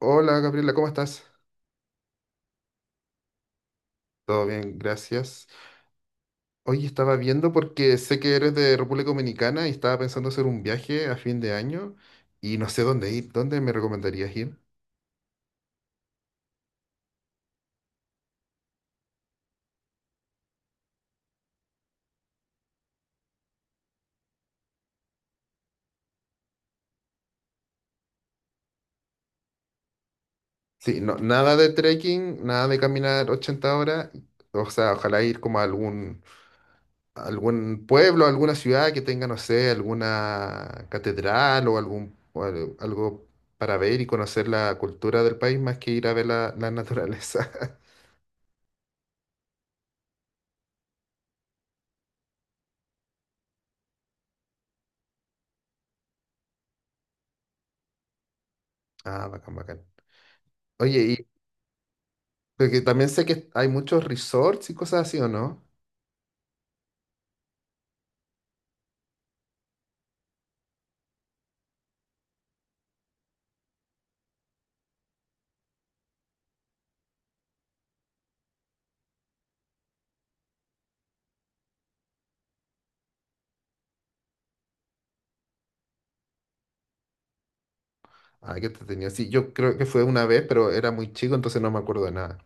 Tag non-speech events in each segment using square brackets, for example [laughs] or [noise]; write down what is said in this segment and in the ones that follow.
Hola Gabriela, ¿cómo estás? Todo bien, gracias. Hoy estaba viendo porque sé que eres de República Dominicana y estaba pensando hacer un viaje a fin de año y no sé dónde ir. ¿Dónde me recomendarías ir? Sí, no, nada de trekking, nada de caminar 80 horas. O sea, ojalá ir como a algún pueblo, alguna ciudad que tenga, no sé, alguna catedral o algo para ver y conocer la cultura del país más que ir a ver la naturaleza. [laughs] Ah, bacán, bacán. Oye. Porque también sé que hay muchos resorts y cosas así, ¿o no? Ah, qué entretenido. Sí, yo creo que fue una vez, pero era muy chico, entonces no me acuerdo de nada.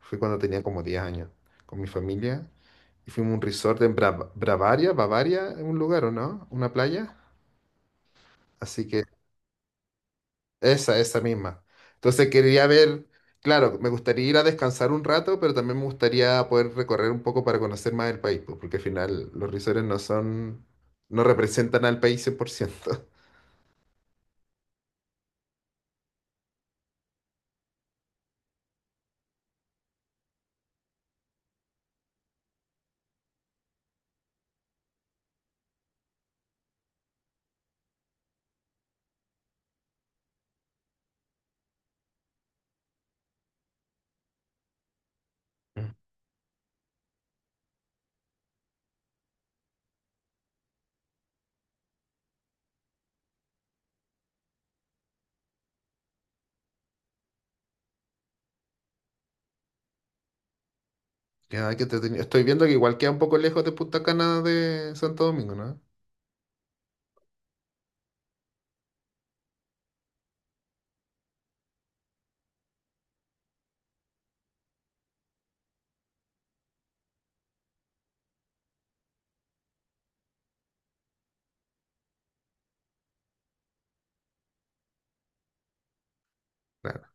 Fue cuando tenía como 10 años, con mi familia. Y fuimos a un resort en Bavaria, Bavaria, en un lugar, ¿o no? Una playa. Así que esa misma. Entonces quería ver, claro, me gustaría ir a descansar un rato, pero también me gustaría poder recorrer un poco para conocer más el país, pues, porque al final los resorts no son, no representan al país 100%. Ya, qué entretenido. Estoy viendo que igual queda un poco lejos de Punta Cana de Santo Domingo, ¿no? Claro.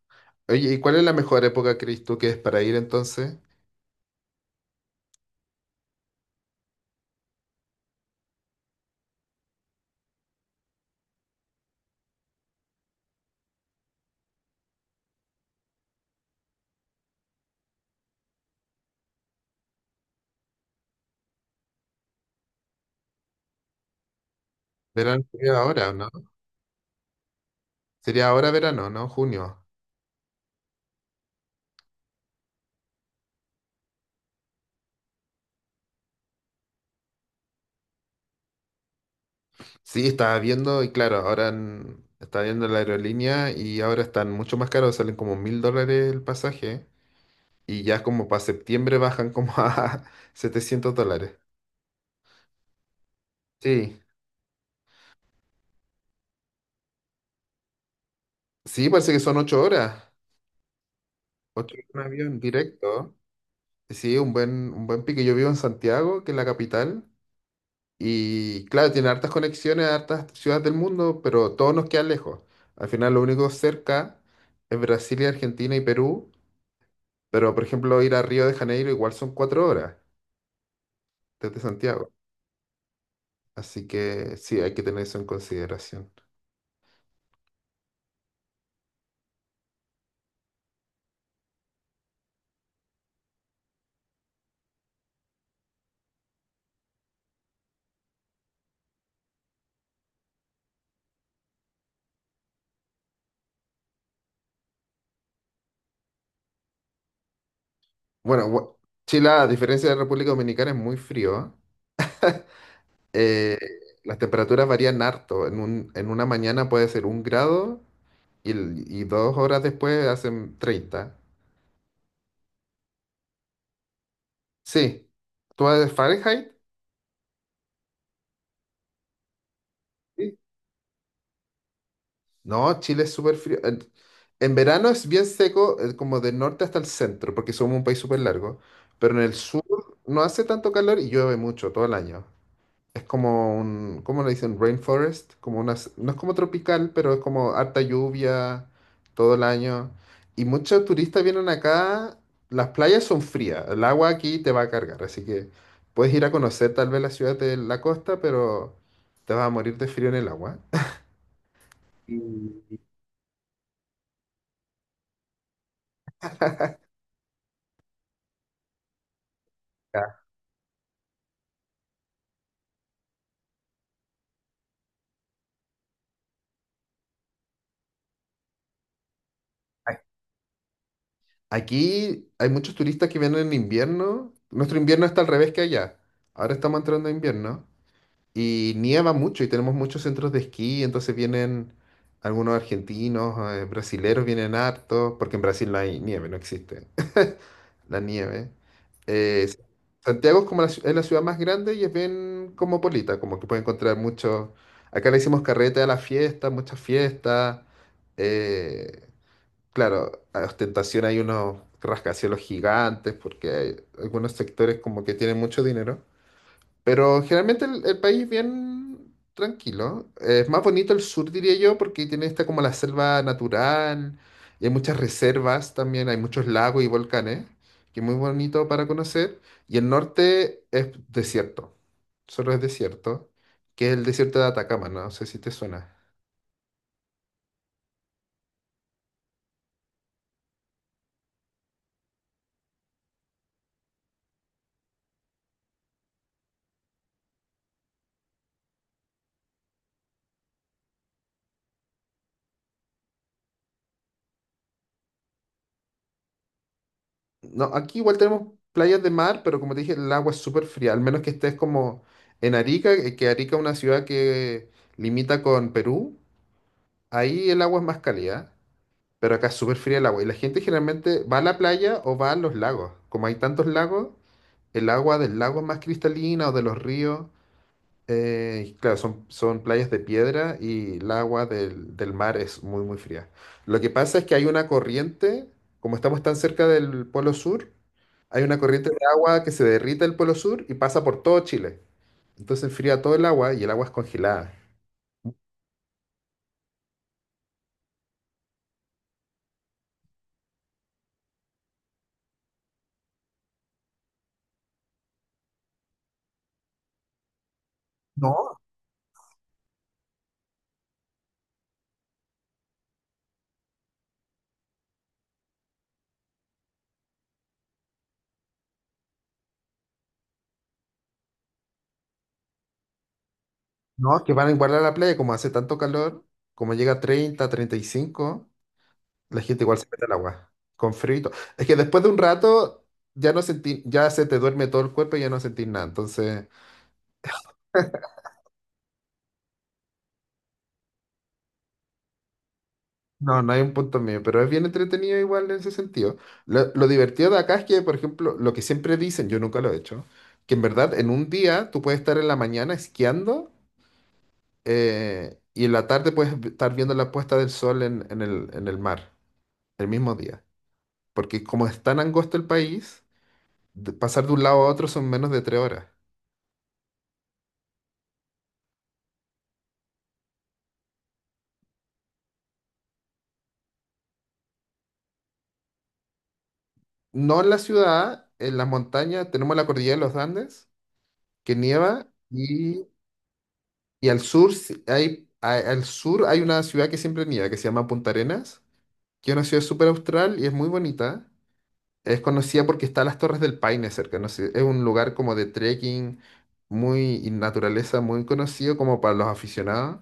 Oye, ¿y cuál es la mejor época, crees tú, que es para ir entonces? Verano sería ahora, ¿o ¿no? Sería ahora verano, ¿no? Junio. Sí, estaba viendo, y claro, ahora estaba viendo la aerolínea y ahora están mucho más caros, salen como $1,000 el pasaje y ya como para septiembre bajan como [laughs] a $700. Sí, sí, parece que son 8 horas. 8 horas en avión directo. Sí, un buen pique. Yo vivo en Santiago, que es la capital, y claro, tiene hartas conexiones a hartas ciudades del mundo, pero todos nos quedan lejos. Al final, lo único cerca es Brasil y Argentina y Perú, pero por ejemplo, ir a Río de Janeiro igual son 4 horas desde Santiago. Así que sí, hay que tener eso en consideración. Bueno, Chile, a diferencia de la República Dominicana, es muy frío, ¿eh? Las temperaturas varían harto. En una mañana puede ser un grado. Y 2 horas después hacen 30. Sí. ¿Tú vas de Fahrenheit? Sí. No, Chile es súper frío. En verano es bien seco, como del norte hasta el centro, porque somos un país súper largo. Pero en el sur no hace tanto calor y llueve mucho todo el año. Es como un, ¿cómo le dicen? Rainforest, como unas, no es como tropical, pero es como harta lluvia todo el año. Y muchos turistas vienen acá, las playas son frías, el agua aquí te va a cargar, así que puedes ir a conocer tal vez la ciudad de la costa, pero te vas a morir de frío en el agua. Y, ya, a- aquí hay muchos turistas que vienen en invierno, nuestro invierno está al revés que allá, ahora estamos entrando a invierno. Y nieva mucho y tenemos muchos centros de esquí, entonces vienen algunos argentinos, brasileros vienen hartos, porque en Brasil no hay nieve, no existe [laughs] la nieve. Eh, Santiago es la ciudad más grande y es bien cosmopolita, como que puede encontrar muchos. Acá le hicimos carrete a la fiesta, muchas fiestas. eh, claro, a ostentación hay unos rascacielos gigantes, porque hay algunos sectores como que tienen mucho dinero. Pero generalmente el país es bien tranquilo. Es más bonito el sur, diría yo, porque tiene esta como la selva natural. Y hay muchas reservas también, hay muchos lagos y volcanes, que es muy bonito para conocer. Y el norte es desierto, solo es desierto, que es el desierto de Atacama. No sé si te suena. No, aquí igual tenemos playas de mar, pero como te dije, el agua es súper fría, al menos que estés como en Arica, que Arica es una ciudad que limita con Perú, ahí el agua es más cálida. Pero acá es súper fría el agua. Y la gente generalmente va a la playa o va a los lagos. Como hay tantos lagos, el agua del lago es más cristalina o de los ríos. Y claro, son playas de piedra y el agua del mar es muy, muy fría. Lo que pasa es que hay una corriente, como estamos tan cerca del Polo Sur, hay una corriente de agua que se derrite el Polo Sur y pasa por todo Chile. Entonces enfría todo el agua y el agua es congelada. No, no, que van a igualar a la playa, como hace tanto calor, como llega a 30, 35. La gente igual se mete al agua, con frío y todo. Es que después de un rato ya no sentí, ya se te duerme todo el cuerpo y ya no sentís nada. Entonces, [laughs] no, no hay un punto medio, pero es bien entretenido igual en ese sentido. Lo divertido de acá es que, por ejemplo, lo que siempre dicen, yo nunca lo he hecho, que en verdad en un día tú puedes estar en la mañana esquiando, y en la tarde puedes estar viendo la puesta del sol en el mar, el mismo día. Porque como es tan angosto el país, pasar de un lado a otro son menos de 3 horas. No en la ciudad, en las montañas tenemos la cordillera de los Andes, que nieva, y al sur hay una ciudad que siempre nieva, que se llama Punta Arenas, que es una ciudad súper austral y es muy bonita. Es conocida porque está las Torres del Paine cerca, no sé, es un lugar como de trekking, muy y naturaleza, muy conocido como para los aficionados,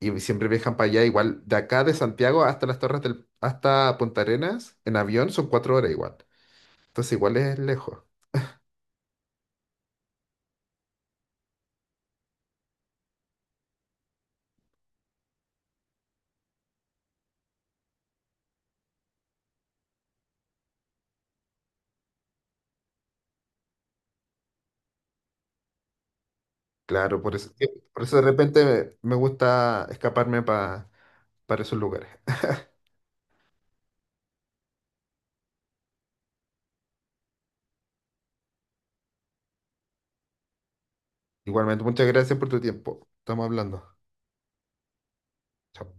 y siempre viajan para allá, igual de acá de Santiago hasta las Torres del, hasta Punta Arenas, en avión son 4 horas igual, entonces igual es lejos. Claro, por eso de repente me gusta escaparme para esos lugares. Igualmente, muchas gracias por tu tiempo. Estamos hablando. Chao.